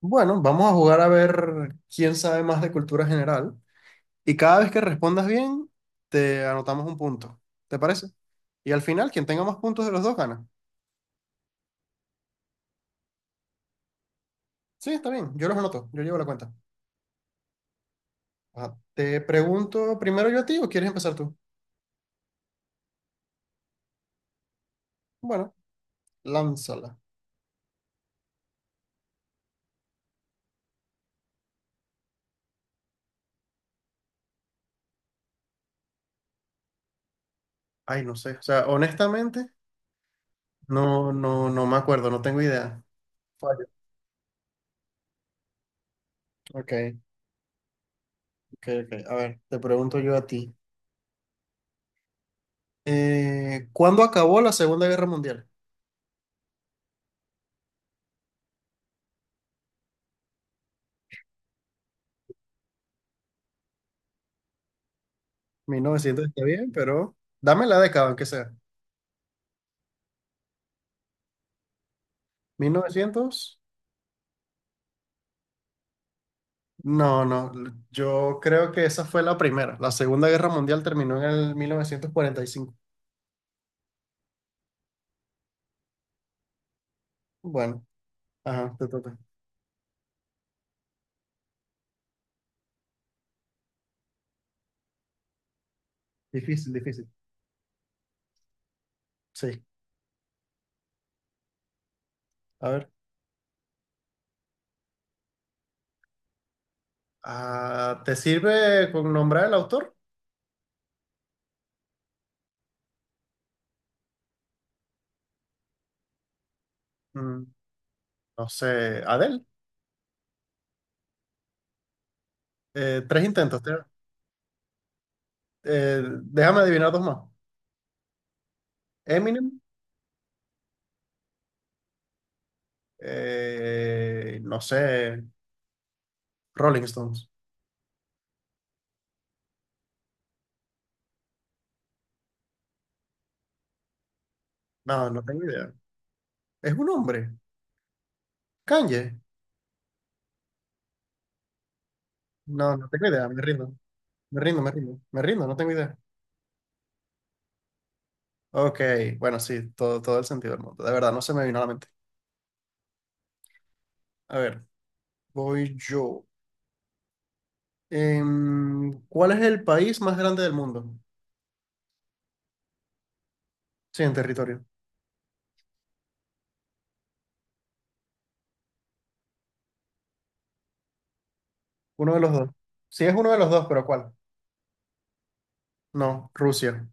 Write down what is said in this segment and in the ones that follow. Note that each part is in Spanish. Bueno, vamos a jugar a ver quién sabe más de cultura general. Y cada vez que respondas bien, te anotamos un punto. ¿Te parece? Y al final, quien tenga más puntos de los dos gana. Sí, está bien. Yo los anoto. Yo llevo la cuenta. Ajá. Te pregunto primero yo a ti o quieres empezar tú. Bueno, lánzala. Ay, no sé. O sea, honestamente, no, no, no me acuerdo. No tengo idea. Fallo. Ok, ok, ok. A ver, te pregunto yo a ti. ¿Cuándo acabó la Segunda Guerra Mundial? Mil novecientos está bien, pero dame la década, aunque sea. 1900. No, no, yo creo que esa fue la primera. La Segunda Guerra Mundial terminó en el 1945. Bueno, ajá, te toca. Difícil, difícil. Sí, a ver. Ah, ¿te sirve con nombrar el autor? Mm, no sé, Adele. Tres intentos. Déjame adivinar dos más. Eminem, no sé, Rolling Stones. No, no tengo idea. Es un hombre. Kanye. No, no tengo idea, me rindo, me rindo, me rindo, me rindo, no tengo idea. Ok, bueno, sí, todo, todo el sentido del mundo. De verdad, no se me vino a la mente. A ver, voy yo. ¿Cuál es el país más grande del mundo? Sí, en territorio. Uno de los dos. Sí, es uno de los dos, pero ¿cuál? No, Rusia.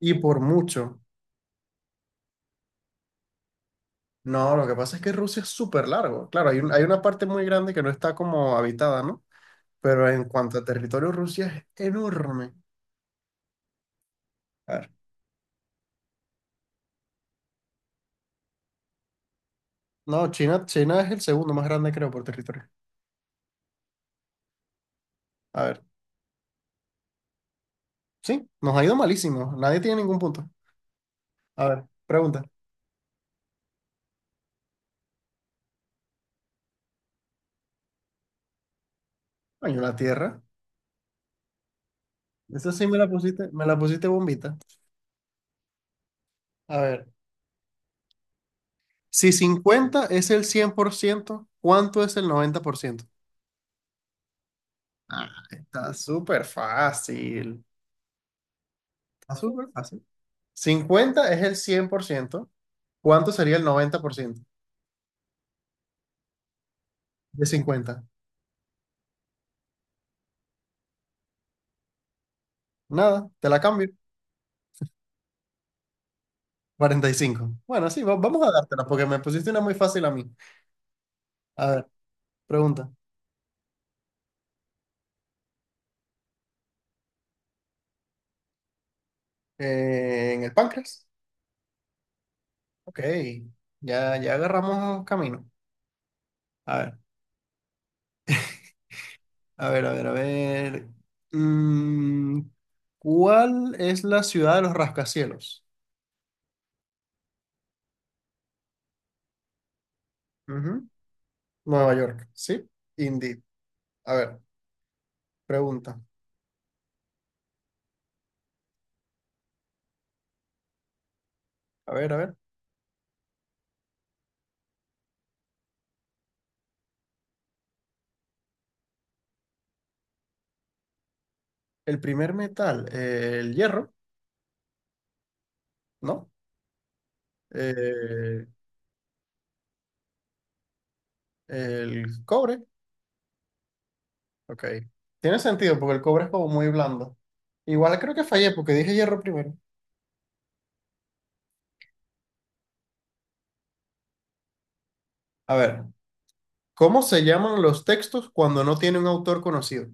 Y por mucho. No, lo que pasa es que Rusia es súper largo. Claro, hay una parte muy grande que no está como habitada, ¿no? Pero en cuanto a territorio, Rusia es enorme. A ver. No, China es el segundo más grande, creo, por territorio. A ver. Sí, nos ha ido malísimo. Nadie tiene ningún punto. A ver, pregunta. Coño, la Tierra. Esa sí me la pusiste bombita. A ver, si 50 es el 100%, ¿cuánto es el 90%? Ah, está súper fácil. Está súper fácil. 50 es el 100%. ¿Cuánto sería el 90% de 50? Nada, te la cambio. 45. Bueno, sí, vamos a dártela porque me pusiste una muy fácil a mí. A ver, pregunta. ¿En el páncreas? Ok, ya, ya agarramos camino. A ver, a ver, a ver, a ver. Mm, ¿Cuál es la ciudad de los rascacielos? Ujú. Nueva York, ¿sí? Indeed. A ver, pregunta. A ver, a ver. El primer metal, el hierro, ¿no? Eh, el cobre, ok. Tiene sentido porque el cobre es como muy blando. Igual creo que fallé porque dije hierro primero. A ver, ¿cómo se llaman los textos cuando no tiene un autor conocido?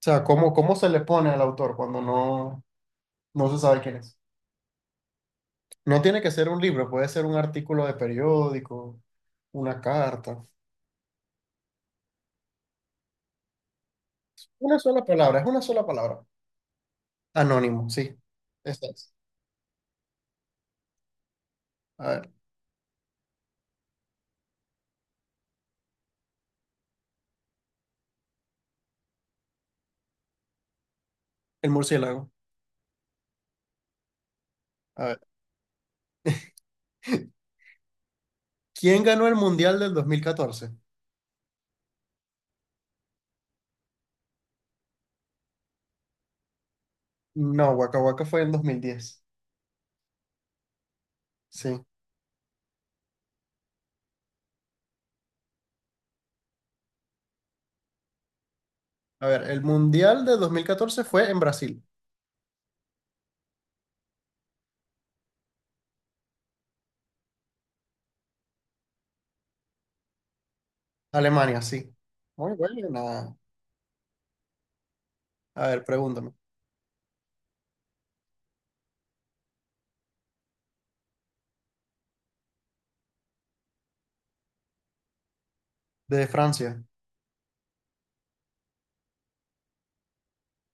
O sea, ¿cómo se le pone al autor cuando no, no se sabe quién es? No tiene que ser un libro, puede ser un artículo de periódico, una carta. Una sola palabra, es una sola palabra. Anónimo, sí. Esta es. A ver, el murciélago. A ver. ¿Quién ganó el Mundial del 2014? No, Waka Waka fue en 2010. Sí. A ver, el Mundial de 2014 fue en Brasil. Alemania, sí. Muy buena. A ver, pregúntame. De Francia.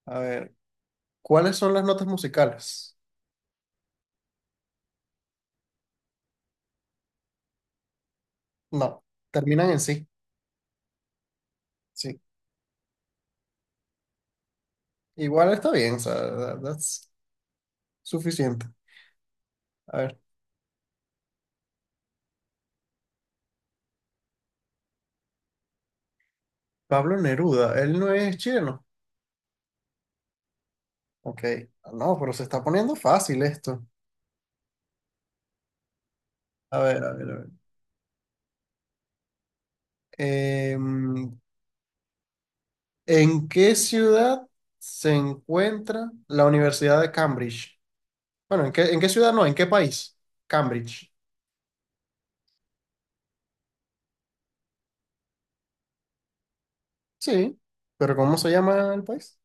A ver, ¿cuáles son las notas musicales? No, terminan en sí, sí. Igual está bien, o sea, that's suficiente. A ver, Pablo Neruda, él no es chileno. Ok, no, pero se está poniendo fácil esto. A ver, a ver, a ver. Em, ¿En qué ciudad se encuentra la Universidad de Cambridge? Bueno, ¿en qué ciudad no? ¿En qué país? Cambridge. Sí, pero ¿cómo se llama el país?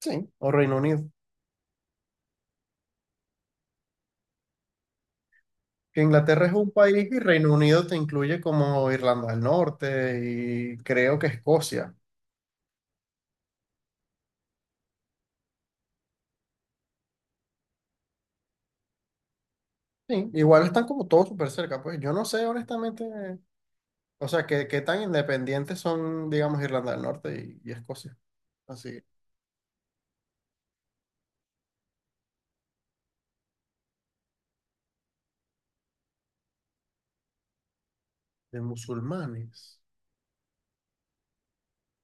Sí, o Reino Unido. Que Inglaterra es un país y Reino Unido te incluye como Irlanda del Norte y creo que Escocia. Sí, igual están como todos súper cerca, pues yo no sé honestamente, o sea, qué tan independientes son, digamos, Irlanda del Norte y Escocia. Así, de musulmanes.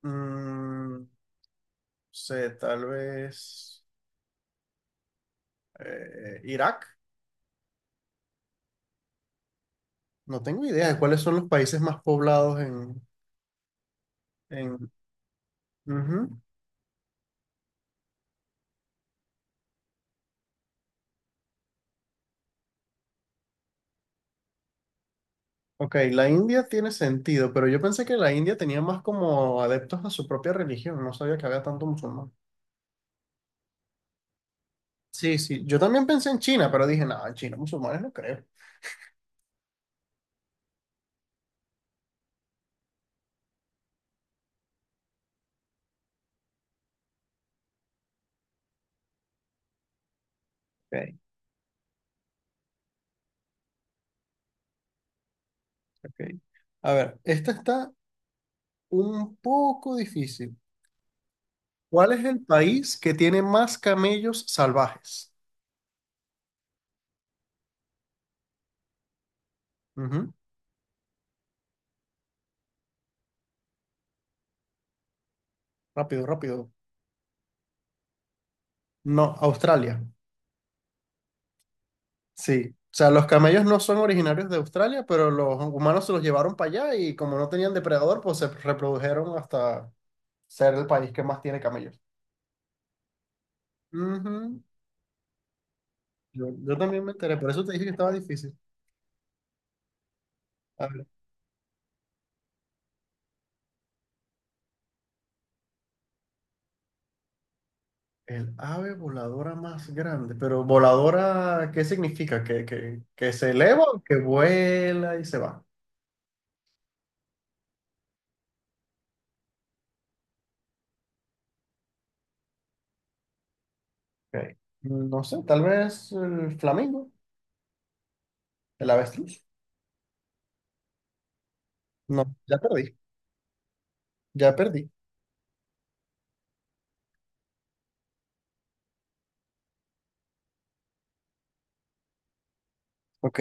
Mm, sé, tal vez Irak. No tengo idea de cuáles son los países más poblados en. Ujú. Ok, la India tiene sentido, pero yo pensé que la India tenía más como adeptos a su propia religión, no sabía que había tanto musulmán. Sí, sí, yo también pensé en China, pero dije, no, en China, musulmanes no creo. Ok, ok. A ver, esta está un poco difícil. ¿Cuál es el país que tiene más camellos salvajes? Ujú. Rápido, rápido. No, Australia. Sí. O sea, los camellos no son originarios de Australia, pero los humanos se los llevaron para allá y como no tenían depredador, pues se reprodujeron hasta, ser el país que más tiene camellos. Ujú. Yo también me enteré, por eso te dije que estaba difícil. A ver, el ave voladora más grande, pero voladora, ¿qué significa? ¿Que se eleva o que vuela y se va? Ok. No sé, tal vez el flamingo, el avestruz. No, ya perdí, ya perdí. Ok,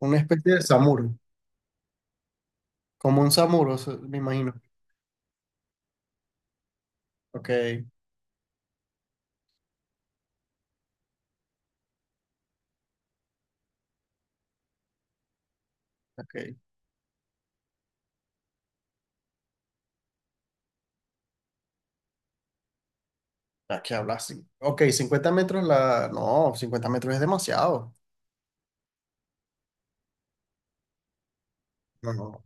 una especie de samuro, como un samuro, me imagino. Ok, ok, aquí habla así. Ok, 50 metros la. No, 50 metros es demasiado. No, no.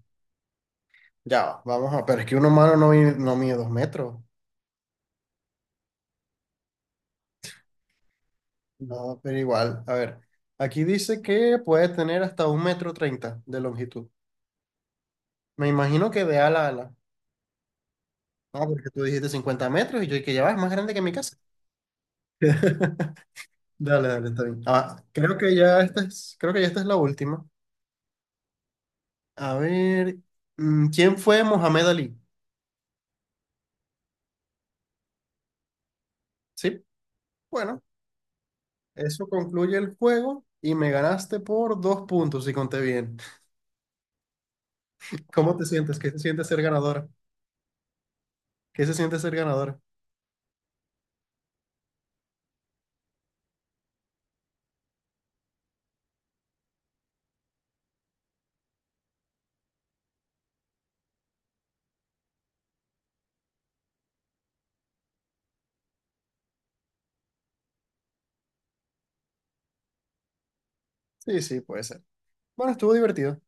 Ya, vamos a, pero es que un humano no, no mide 2 metros. No, pero igual, a ver, aquí dice que puede tener hasta 1,30 m de longitud. Me imagino que de ala a ala. No, porque tú dijiste 50 metros y yo que ya va, es más grande que mi casa. Dale, dale, está bien. Ah, creo que ya esta es la última. A ver, ¿quién fue Mohamed Ali? Sí, bueno, eso concluye el juego y me ganaste por dos puntos, si conté bien. ¿Cómo te sientes? ¿Qué te sientes ser ganadora? ¿Qué se siente ser ganadora? Sí, sí, puede ser. Bueno, estuvo divertido.